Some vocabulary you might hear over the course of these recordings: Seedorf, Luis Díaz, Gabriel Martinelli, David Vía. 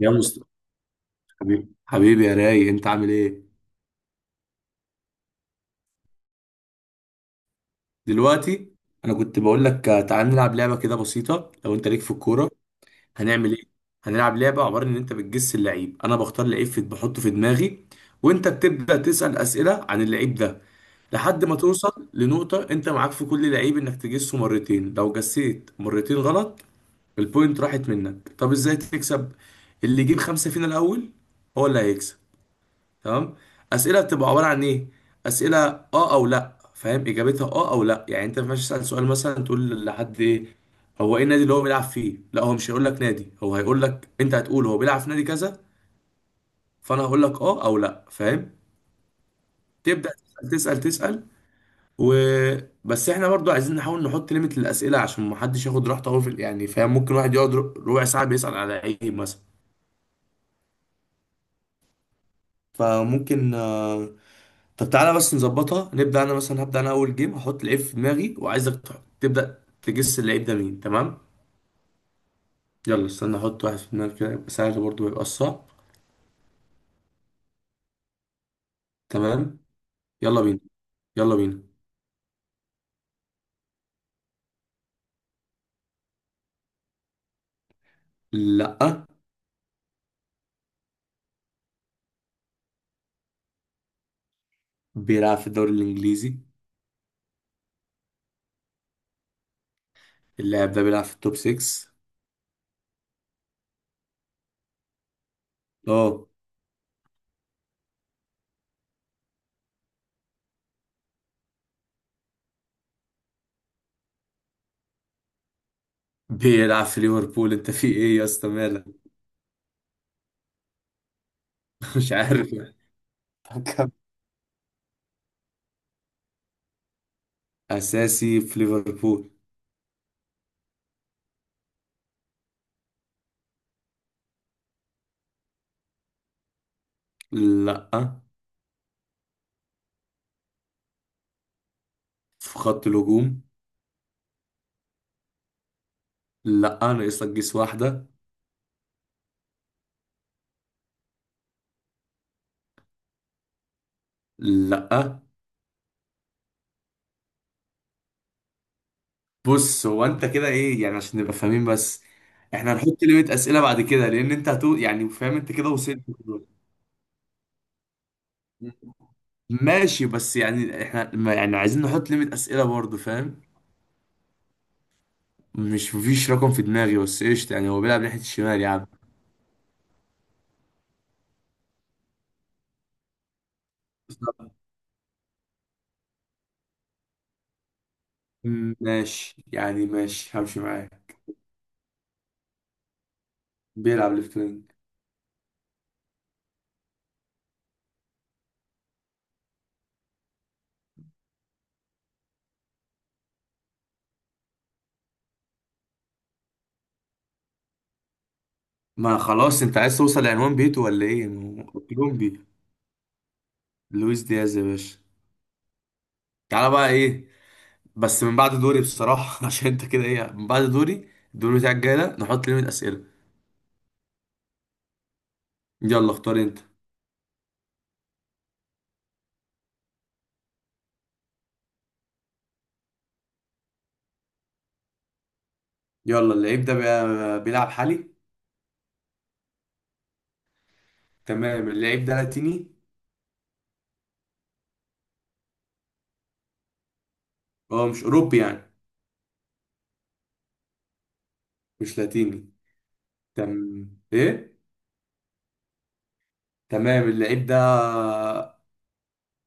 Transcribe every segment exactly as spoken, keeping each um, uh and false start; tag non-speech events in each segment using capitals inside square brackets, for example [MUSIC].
يا مصطفى، حبيبي حبيبي يا راي، انت عامل ايه دلوقتي؟ انا كنت بقول لك آه، تعال نلعب لعبه كده بسيطه. لو انت ليك في الكوره هنعمل ايه. هنلعب لعبه عباره ان انت بتجس اللعيب، انا بختار لعيب في بحطه في دماغي وانت بتبدا تسال اسئله عن اللعيب ده لحد ما توصل لنقطه. انت معاك في كل لعيب انك تجسه مرتين، لو جسيت مرتين غلط البوينت راحت منك. طب ازاي تكسب؟ اللي يجيب خمسه فينا الاول هو اللي هيكسب. تمام. اسئله بتبقى عباره عن ايه؟ اسئله اه او لا، فاهم؟ اجابتها اه او لا، يعني انت ما ينفعش تسال سؤال مثلا تقول لحد ايه هو ايه النادي اللي هو بيلعب فيه، لا هو مش هيقول لك نادي، هو هيقول لك انت هتقول هو بيلعب في نادي كذا فانا هقول لك اه او لا، فاهم؟ تبدا تسال تسال تسال. و بس احنا برضو عايزين نحاول نحط ليميت للاسئله عشان ما حدش ياخد راحته قوي في ال- يعني، فاهم؟ ممكن واحد يقعد ر- ربع ساعه بيسال على عيب مثلا. فممكن آه، طب تعالى بس نظبطها. نبدأ أنا مثلا، هبدأ أنا أول جيم، هحط لعيب في دماغي وعايزك تح- تبدأ تجس اللعيب ده مين. تمام؟ يلا استنى أحط واحد في دماغي كده. يبقى سهل برضه، ما يبقاش صعب. تمام. يلا بينا، يلا بينا. لأ. بيلعب في الدوري الإنجليزي. اللاعب ده بيلعب في التوب ستة. أه. بيلعب في ليفربول. أنت في إيه يا اسطى مالك؟ [LAUGHS] مش عارف يعني. طب كمل. أساسي في ليفربول. لأ. في خط الهجوم. لأ، ناقص لك جيس واحدة. لأ. بص، هو انت كده ايه يعني عشان نبقى فاهمين بس. احنا هنحط ليميت اسئله بعد كده لان انت هتو، يعني فاهم، انت كده وصلت. ماشي، بس يعني احنا، ما يعني، عايزين نحط ليميت اسئله برضه، فاهم؟ مش، مفيش رقم في دماغي بس قشطه. يعني هو بيلعب ناحيه الشمال يا عم. م- ماشي، يعني ماشي همشي معاك. بيلعب ليفت وينج. ما خلاص انت عايز توصل لعنوان بيته ولا ايه؟ ما هو كولومبي. لويس دياز يا باشا. تعالى بقى ايه. بس من بعد دوري بصراحة [LAUGHS] عشان انت كده ايه. من بعد دوري الدور بتاعك جاي ده نحط ليميت أسئلة. يلا اختار انت. يلا، اللعيب ده بي- بيلعب حالي. تمام. اللعيب ده لاتيني. هو مش أوروبي يعني. مش لاتيني. تم. ايه؟ تمام اللعيب ده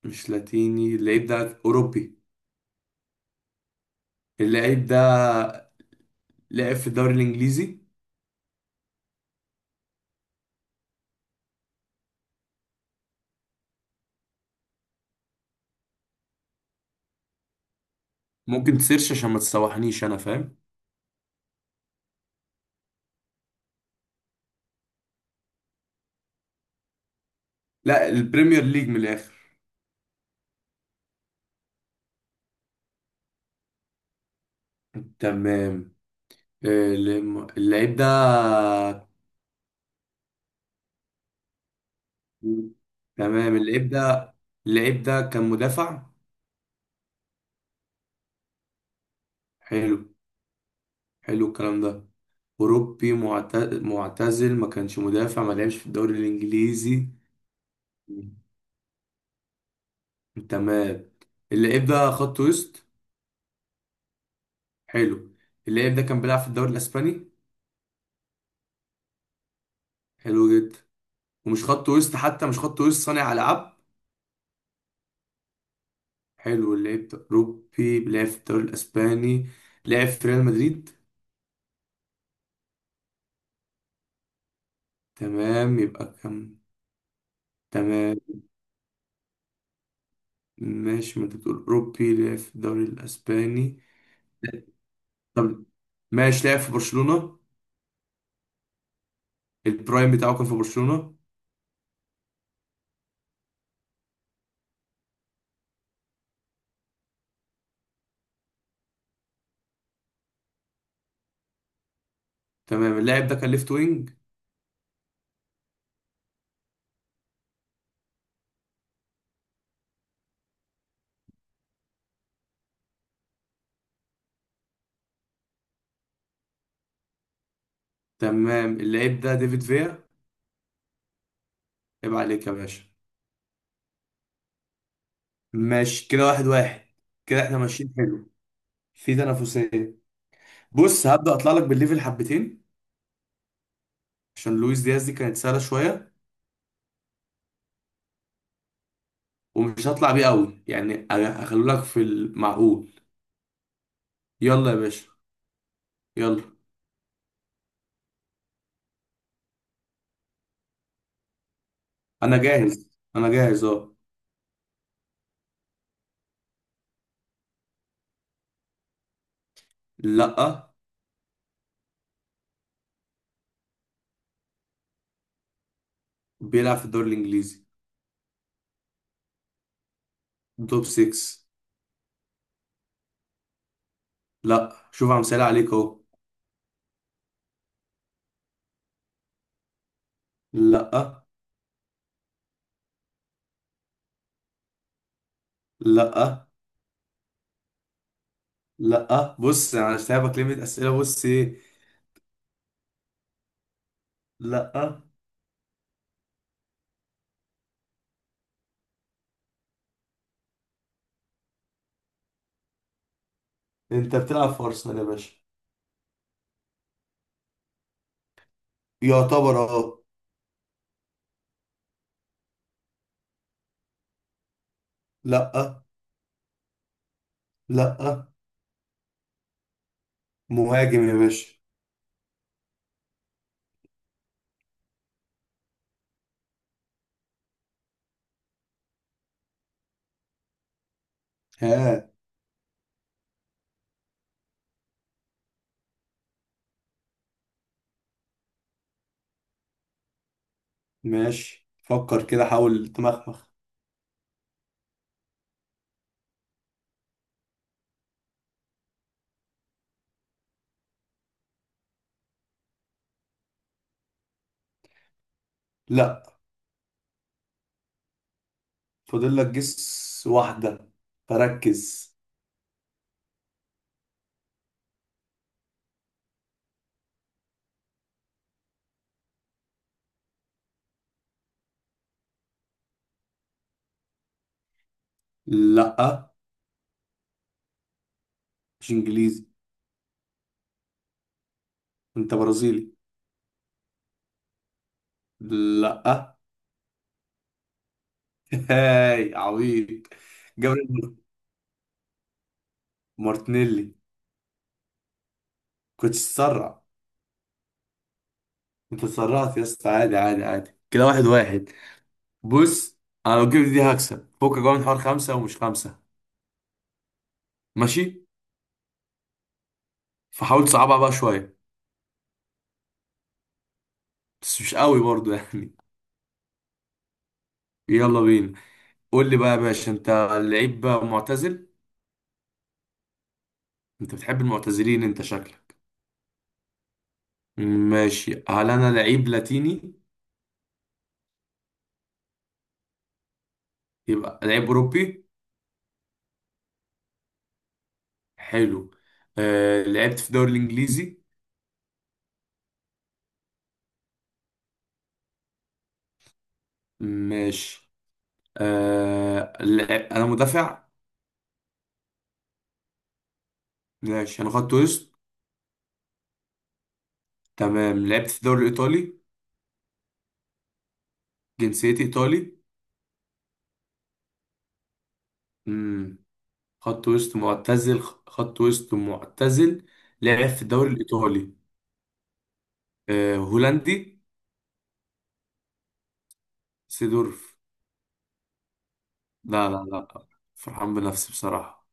مش لاتيني. اللعيب ده أوروبي. اللعيب ده لعب في الدوري الإنجليزي. ممكن تسيرش عشان ما تسوحنيش أنا، فاهم؟ لا، البريمير ليج من الآخر. تمام. آه، اللعيب ده مم. تمام اللعيب ده، اللعيب ده كان مدافع. حلو. حلو الكلام ده. أوروبي، معت- معتزل، ما كانش مدافع، ما لعبش في الدوري الإنجليزي. مم. تمام. اللعيب ده خط وسط. حلو. اللعيب ده كان بيلعب في الدوري الإسباني. حلو جدا. ومش خط وسط حتى، مش خط وسط، صانع ألعاب. حلو. اللعيب ده أوروبي بيلعب في الدوري الإسباني. لعب في ريال مدريد. تمام يبقى كان. تمام. ماشي، ما انت بتقول أوروبي لعب في الدوري الأسباني. طب ماشي، لعب في برشلونة. البرايم بتاعه كان في برشلونة. تمام. اللاعب ده كان ليفت وينج. تمام اللاعب ده ديفيد فيا. عيب عليك يا باشا. ماشي كده، واحد واحد. كده احنا ماشيين حلو. في تنافسية. بص هبدأ اطلع لك بالليفل حبتين عشان لويس دياز دي كانت سهلة شوية. ومش هطلع بيه قوي يعني، هخلو لك في المعقول. يلا يا باشا، يلا. انا جاهز. انا جاهز اه. لا. بيلعب في الدوري الانجليزي. توب ستة. لا، شوف عم سأل عليك اهو. لا. لا. لا، بص انا سايبك ليميت اسئله. بص ايه. لا. انت بتلعب في ارسنال يا باشا. يعتبر اه. لا. لا. مهاجم يا باشا. ها. ماشي، فكر كده، حاول تمخمخ. لا. فاضل لك جس واحده، فركز. لا، مش انجليزي. انت برازيلي. لا. [LAUGHS] هاي عبيط. جابريل مارتينيلي. كنت تسرع. انت اتسرعت يا اسطى. عادي عادي عادي، كده واحد واحد. بص، انا لو جبت دي هكسب فوق جوه من حوار خمسة ومش خمسة. ماشي. فحاول تصعبها بقى شوية. بس مش قوي برضو يعني. يلا بينا. قول لي بقى يا باشا، انت لعيب معتزل. انت بتحب المعتزلين انت شكلك. ماشي. هل انا لعيب لاتيني؟ يبقى لعيب اوروبي. حلو. آه لعبت في الدوري الانجليزي. ماشي. آه لعب... انا مدافع. ماشي. انا خدت وسط. تمام لعبت في الدوري الايطالي. جنسيتي ايطالي. امم. خط وسط معتزل، خط وسط معتزل، لعب في الدوري الايطالي. أه هولندي. سيدورف. لا لا لا. فرحان بنفسي بصراحة.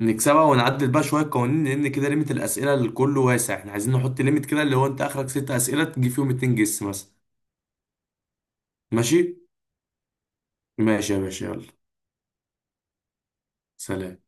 نكسبها ونعدل بقى شوية قوانين، لأن كده ليميت الأسئلة للكل واسع. احنا عايزين نحط ليميت كده اللي هو أنت آخرك ست أسئلة تجيب فيهم اتنين جس مثلا. ماشي. ماشي يا باشا يلا. سلام.